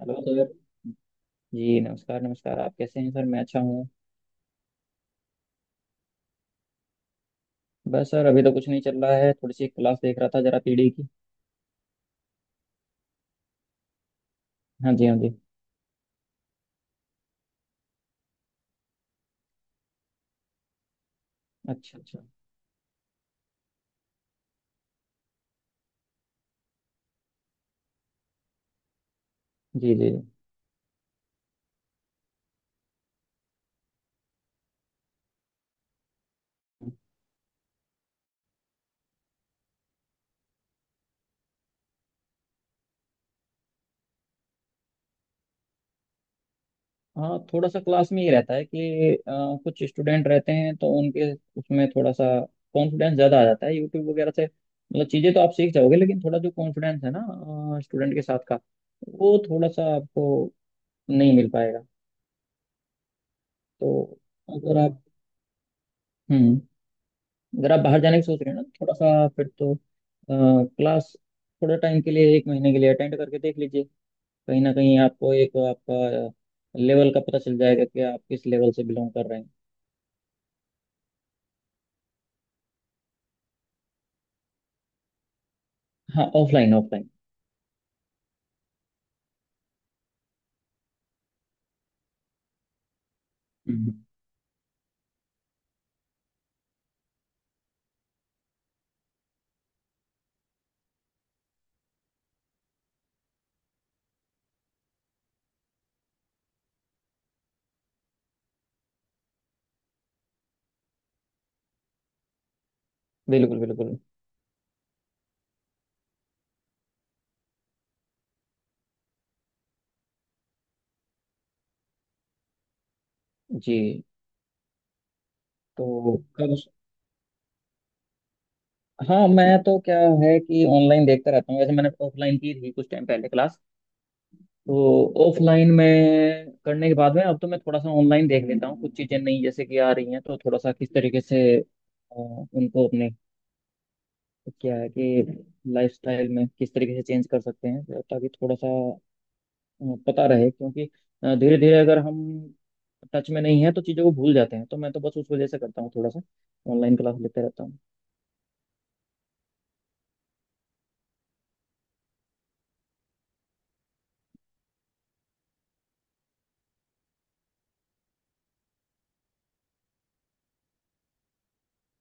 Hello sir. Ji नमस्कार नमस्कार, आप कैसे हैं सर? मैं अच्छा हूँ। बस सर, अभी तो कुछ नहीं चल रहा है, थोड़ी सी क्लास देख रहा था, जरा पीडी की। हाँ जी हाँ जी। अच्छा अच्छा। जी जी जी। हाँ, थोड़ा सा क्लास में ये रहता है कि कुछ स्टूडेंट रहते हैं तो उनके उसमें थोड़ा सा कॉन्फिडेंस ज़्यादा आ जाता है। यूट्यूब वगैरह से मतलब चीज़ें तो आप सीख जाओगे, लेकिन थोड़ा जो कॉन्फिडेंस है ना स्टूडेंट के साथ का, वो थोड़ा सा आपको नहीं मिल पाएगा। तो अगर आप हम्म अगर आप बाहर जाने की सोच रहे हैं ना, तो थोड़ा सा फिर तो क्लास थोड़े टाइम के लिए, एक महीने के लिए अटेंड करके देख लीजिए, कहीं ना कहीं आपको एक आपका लेवल का पता चल जाएगा कि आप किस लेवल से बिलोंग कर रहे हैं। हाँ, ऑफलाइन ऑफलाइन। हम्म। बिल्कुल बिल्कुल। जी। तो कब हाँ, मैं तो, क्या है कि ऑनलाइन देखता रहता हूँ। वैसे मैंने ऑफलाइन की थी कुछ टाइम पहले क्लास। तो ऑफलाइन में करने के बाद में अब तो मैं थोड़ा सा ऑनलाइन देख लेता हूँ, कुछ चीज़ें नई जैसे कि आ रही हैं, तो थोड़ा सा किस तरीके से उनको अपने, क्या है कि, लाइफस्टाइल में किस तरीके से चेंज कर सकते हैं, तो ताकि थोड़ा सा पता रहे। क्योंकि धीरे धीरे अगर हम टच में नहीं है तो चीज़ों को भूल जाते हैं, तो मैं तो बस उस वजह से करता हूँ, थोड़ा सा ऑनलाइन क्लास लेते रहता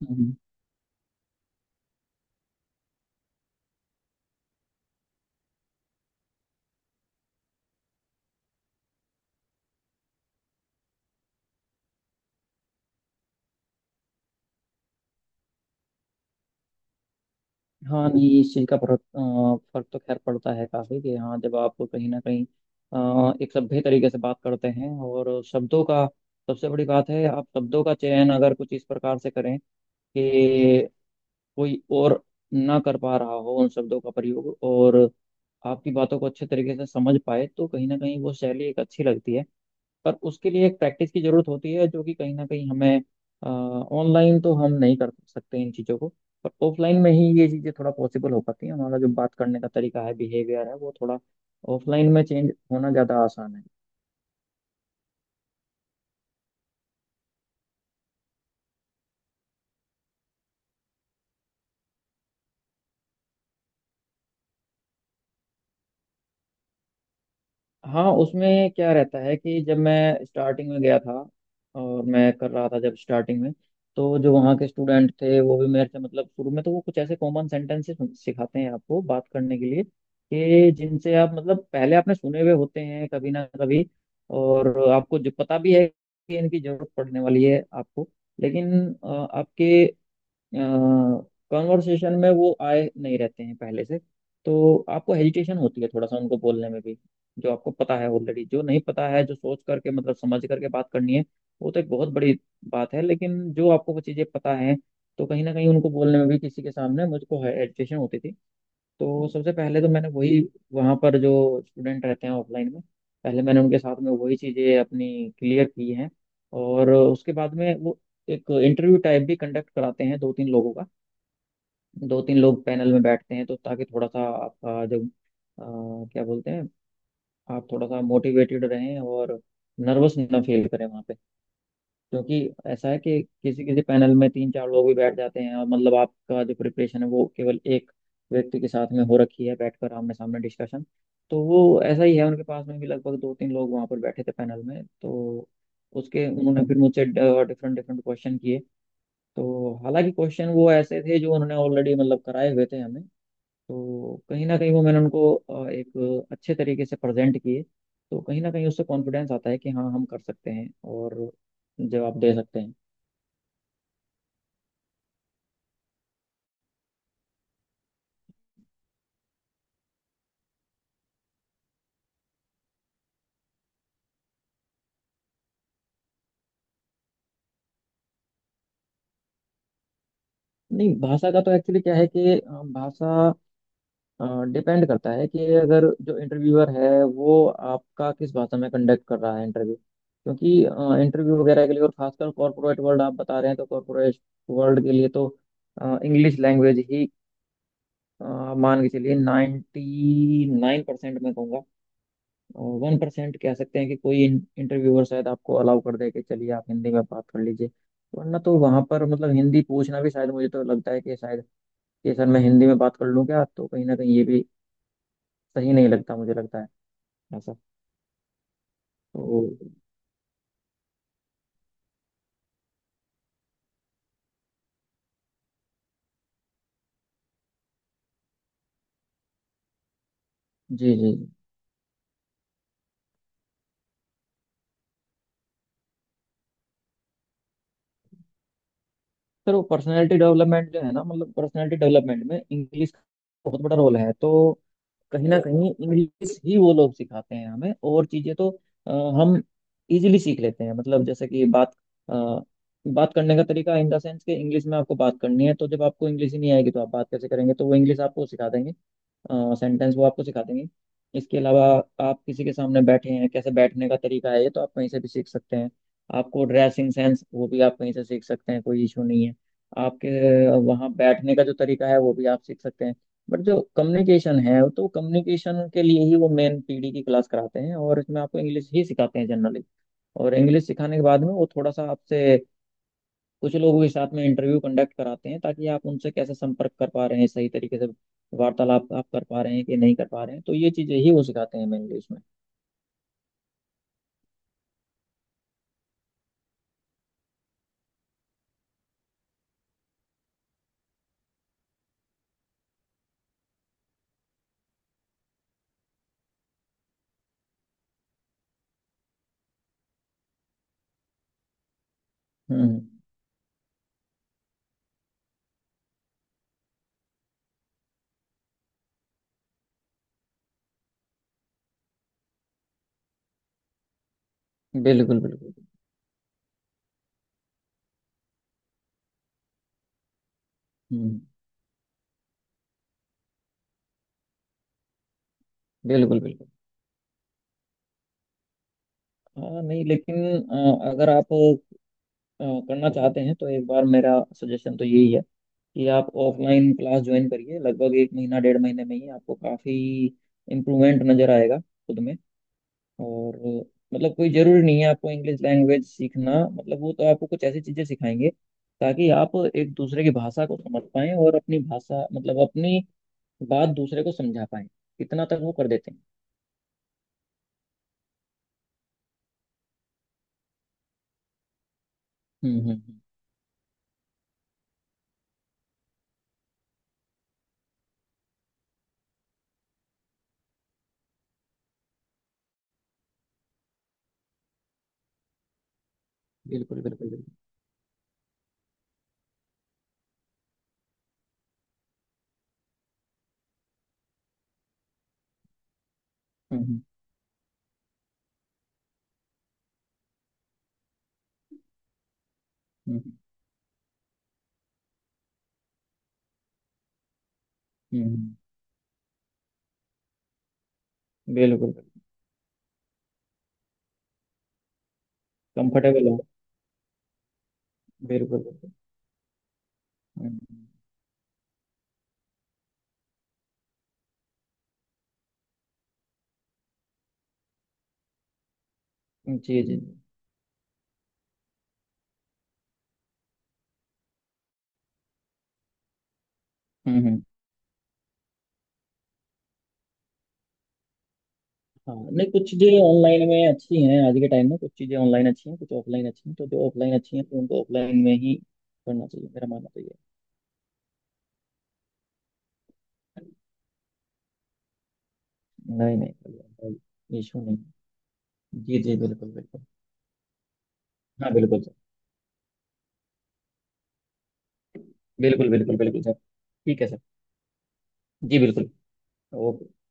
हूँ। हाँ नहीं, इस चीज़ का फर्क तो खैर पड़ता है काफ़ी, कि हाँ, जब आप कहीं ना कहीं एक सभ्य तरीके से बात करते हैं, और शब्दों का, सबसे बड़ी बात है, आप शब्दों का चयन अगर कुछ इस प्रकार से करें कि कोई और ना कर पा रहा हो उन शब्दों का प्रयोग, और आपकी बातों को अच्छे तरीके से समझ पाए, तो कहीं ना कहीं वो शैली एक अच्छी लगती है। पर उसके लिए एक प्रैक्टिस की जरूरत होती है, जो कि कहीं ना कहीं हमें ऑनलाइन तो हम नहीं कर सकते इन चीज़ों को, पर ऑफलाइन में ही ये चीज़ें थोड़ा पॉसिबल हो पाती हैं। हमारा जो बात करने का तरीका है, बिहेवियर है, वो थोड़ा ऑफलाइन में चेंज होना ज़्यादा आसान है। हाँ, उसमें क्या रहता है कि जब मैं स्टार्टिंग में गया था, और मैं कर रहा था जब स्टार्टिंग में, तो जो वहाँ के स्टूडेंट थे वो भी मेरे से मतलब, शुरू में तो वो कुछ ऐसे कॉमन सेंटेंसेस सिखाते हैं आपको बात करने के लिए, कि जिनसे आप मतलब पहले आपने सुने हुए होते हैं कभी ना कभी। और आपको जो पता भी है कि इनकी जरूरत पड़ने वाली है आपको, लेकिन आपके कॉन्वर्सेशन में वो आए नहीं रहते हैं पहले से, तो आपको हेजिटेशन होती है थोड़ा सा उनको बोलने में भी। जो आपको पता है ऑलरेडी, जो नहीं पता है जो सोच करके मतलब समझ करके बात करनी है, वो तो एक बहुत बड़ी बात है। लेकिन जो आपको वो चीज़ें पता है, तो कहीं ना कहीं उनको बोलने में भी किसी के सामने मुझको हेजिटेशन होती थी। तो सबसे पहले तो मैंने वही, वहाँ पर जो स्टूडेंट रहते हैं ऑफलाइन में, पहले मैंने उनके साथ में वही चीज़ें अपनी क्लियर की हैं, और उसके बाद में वो एक इंटरव्यू टाइप भी कंडक्ट कराते हैं दो तीन लोगों का। दो तीन लोग पैनल में बैठते हैं, तो ताकि थोड़ा सा आपका जो, क्या बोलते हैं, आप थोड़ा सा मोटिवेटेड रहें और नर्वस ना फील करें वहाँ पे। क्योंकि ऐसा है कि किसी किसी पैनल में तीन चार लोग भी बैठ जाते हैं, और मतलब आपका जो प्रिपरेशन है वो केवल एक व्यक्ति के साथ में हो रखी है, बैठकर आमने सामने डिस्कशन। तो वो ऐसा ही है, उनके पास में भी लगभग दो तीन लोग वहाँ पर बैठे थे पैनल में, तो उसके उन्होंने फिर मुझसे डिफरेंट डिफरेंट क्वेश्चन किए। तो हालांकि क्वेश्चन वो ऐसे थे जो उन्होंने ऑलरेडी मतलब कराए हुए थे हमें, तो कहीं ना कहीं वो मैंने उनको एक अच्छे तरीके से प्रेजेंट किए, तो कहीं ना कहीं उससे कॉन्फिडेंस आता है कि हाँ हम कर सकते हैं और जवाब दे सकते हैं। नहीं, भाषा का तो एक्चुअली क्या है कि, भाषा डिपेंड करता है कि अगर जो इंटरव्यूअर है, वो आपका किस भाषा में कंडक्ट कर रहा है इंटरव्यू, क्योंकि इंटरव्यू वगैरह के लिए, और खासकर कॉरपोरेट वर्ल्ड आप बता रहे हैं, तो कॉरपोरेट वर्ल्ड के लिए तो इंग्लिश लैंग्वेज ही, अ, मान के चलिए 99% मैं कहूँगा। 1% कह सकते हैं कि कोई इंटरव्यूअर शायद आपको अलाउ कर दे कि चलिए आप हिंदी में बात कर लीजिए, वरना तो वहां पर मतलब हिंदी पूछना भी, शायद मुझे तो लगता है कि शायद, कि सर मैं हिंदी में बात कर लूँ क्या, तो कहीं ना कहीं ये भी सही नहीं लगता, मुझे लगता है ऐसा। तो जी जी सर, वो पर्सनैलिटी डेवलपमेंट जो है ना, मतलब पर्सनैलिटी डेवलपमेंट में इंग्लिश का बहुत बड़ा रोल है, तो कहीं ना कहीं इंग्लिश ही वो लोग सिखाते हैं हमें, और चीजें तो अ, हम इजीली सीख लेते हैं, मतलब जैसे कि अ, बात करने का तरीका, इन द सेंस कि इंग्लिश में आपको बात करनी है, तो जब आपको इंग्लिश ही नहीं आएगी तो आप बात कैसे करेंगे, तो वो इंग्लिश आपको सिखा देंगे, सेंटेंस वो आपको सिखा देंगे। इसके अलावा आप किसी के सामने बैठे हैं, कैसे बैठने का तरीका है, ये तो आप कहीं से भी सीख सकते हैं। आपको ड्रेसिंग सेंस वो भी आप कहीं से सीख सकते हैं, कोई इशू नहीं है। आपके वहाँ बैठने का जो तरीका है वो भी आप सीख सकते हैं। बट जो कम्युनिकेशन है, तो कम्युनिकेशन के लिए ही वो मेन पीडी की क्लास कराते हैं, और इसमें आपको इंग्लिश ही सिखाते हैं जनरली। और इंग्लिश सिखाने के बाद में वो थोड़ा सा आपसे कुछ लोगों के साथ में इंटरव्यू कंडक्ट कराते हैं, ताकि आप उनसे कैसे संपर्क कर पा रहे हैं सही तरीके से, वार्तालाप आप कर पा रहे हैं कि नहीं कर पा रहे हैं, तो ये चीजें ही वो सिखाते हैं मेनली उसमें। हम्म। बिल्कुल बिल्कुल। हम्म। बिल्कुल बिल्कुल। हाँ नहीं, लेकिन अगर आप करना चाहते हैं, तो एक बार मेरा सजेशन तो यही है कि आप ऑफलाइन क्लास ज्वाइन करिए, लगभग एक महीना डेढ़ महीने में ही आपको काफी इम्प्रूवमेंट नजर आएगा खुद में। और मतलब कोई जरूरी नहीं है आपको इंग्लिश लैंग्वेज सीखना, मतलब वो तो आपको कुछ ऐसी चीजें सिखाएंगे ताकि आप एक दूसरे की भाषा को समझ पाएं, और अपनी भाषा मतलब अपनी बात दूसरे को समझा पाएं, इतना तक वो कर देते हैं। हम्म हम्म हम्म, बिल्कुल बिल्कुल बिल्कुल। हम्म हम्म हम्म हम्म, बिल्कुल। कंफर्टेबल हो। बिल्कुल बिल्कुल। हम्म, जी जी जी। हम्म। हाँ नहीं, कुछ चीज़ें ऑनलाइन में अच्छी हैं आज के टाइम में, कुछ चीज़ें ऑनलाइन अच्छी हैं, कुछ ऑफलाइन अच्छी हैं, तो जो ऑफलाइन अच्छी हैं तो उनको ऑफलाइन में ही करना चाहिए, मेरा मानना तो ये है। नहीं नहीं, कोई इशू नहीं। जी जी बिल्कुल बिल्कुल। हाँ बिल्कुल सर। बिल्कुल बिल्कुल बिल्कुल सर। ठीक है सर। जी बिल्कुल। ओके।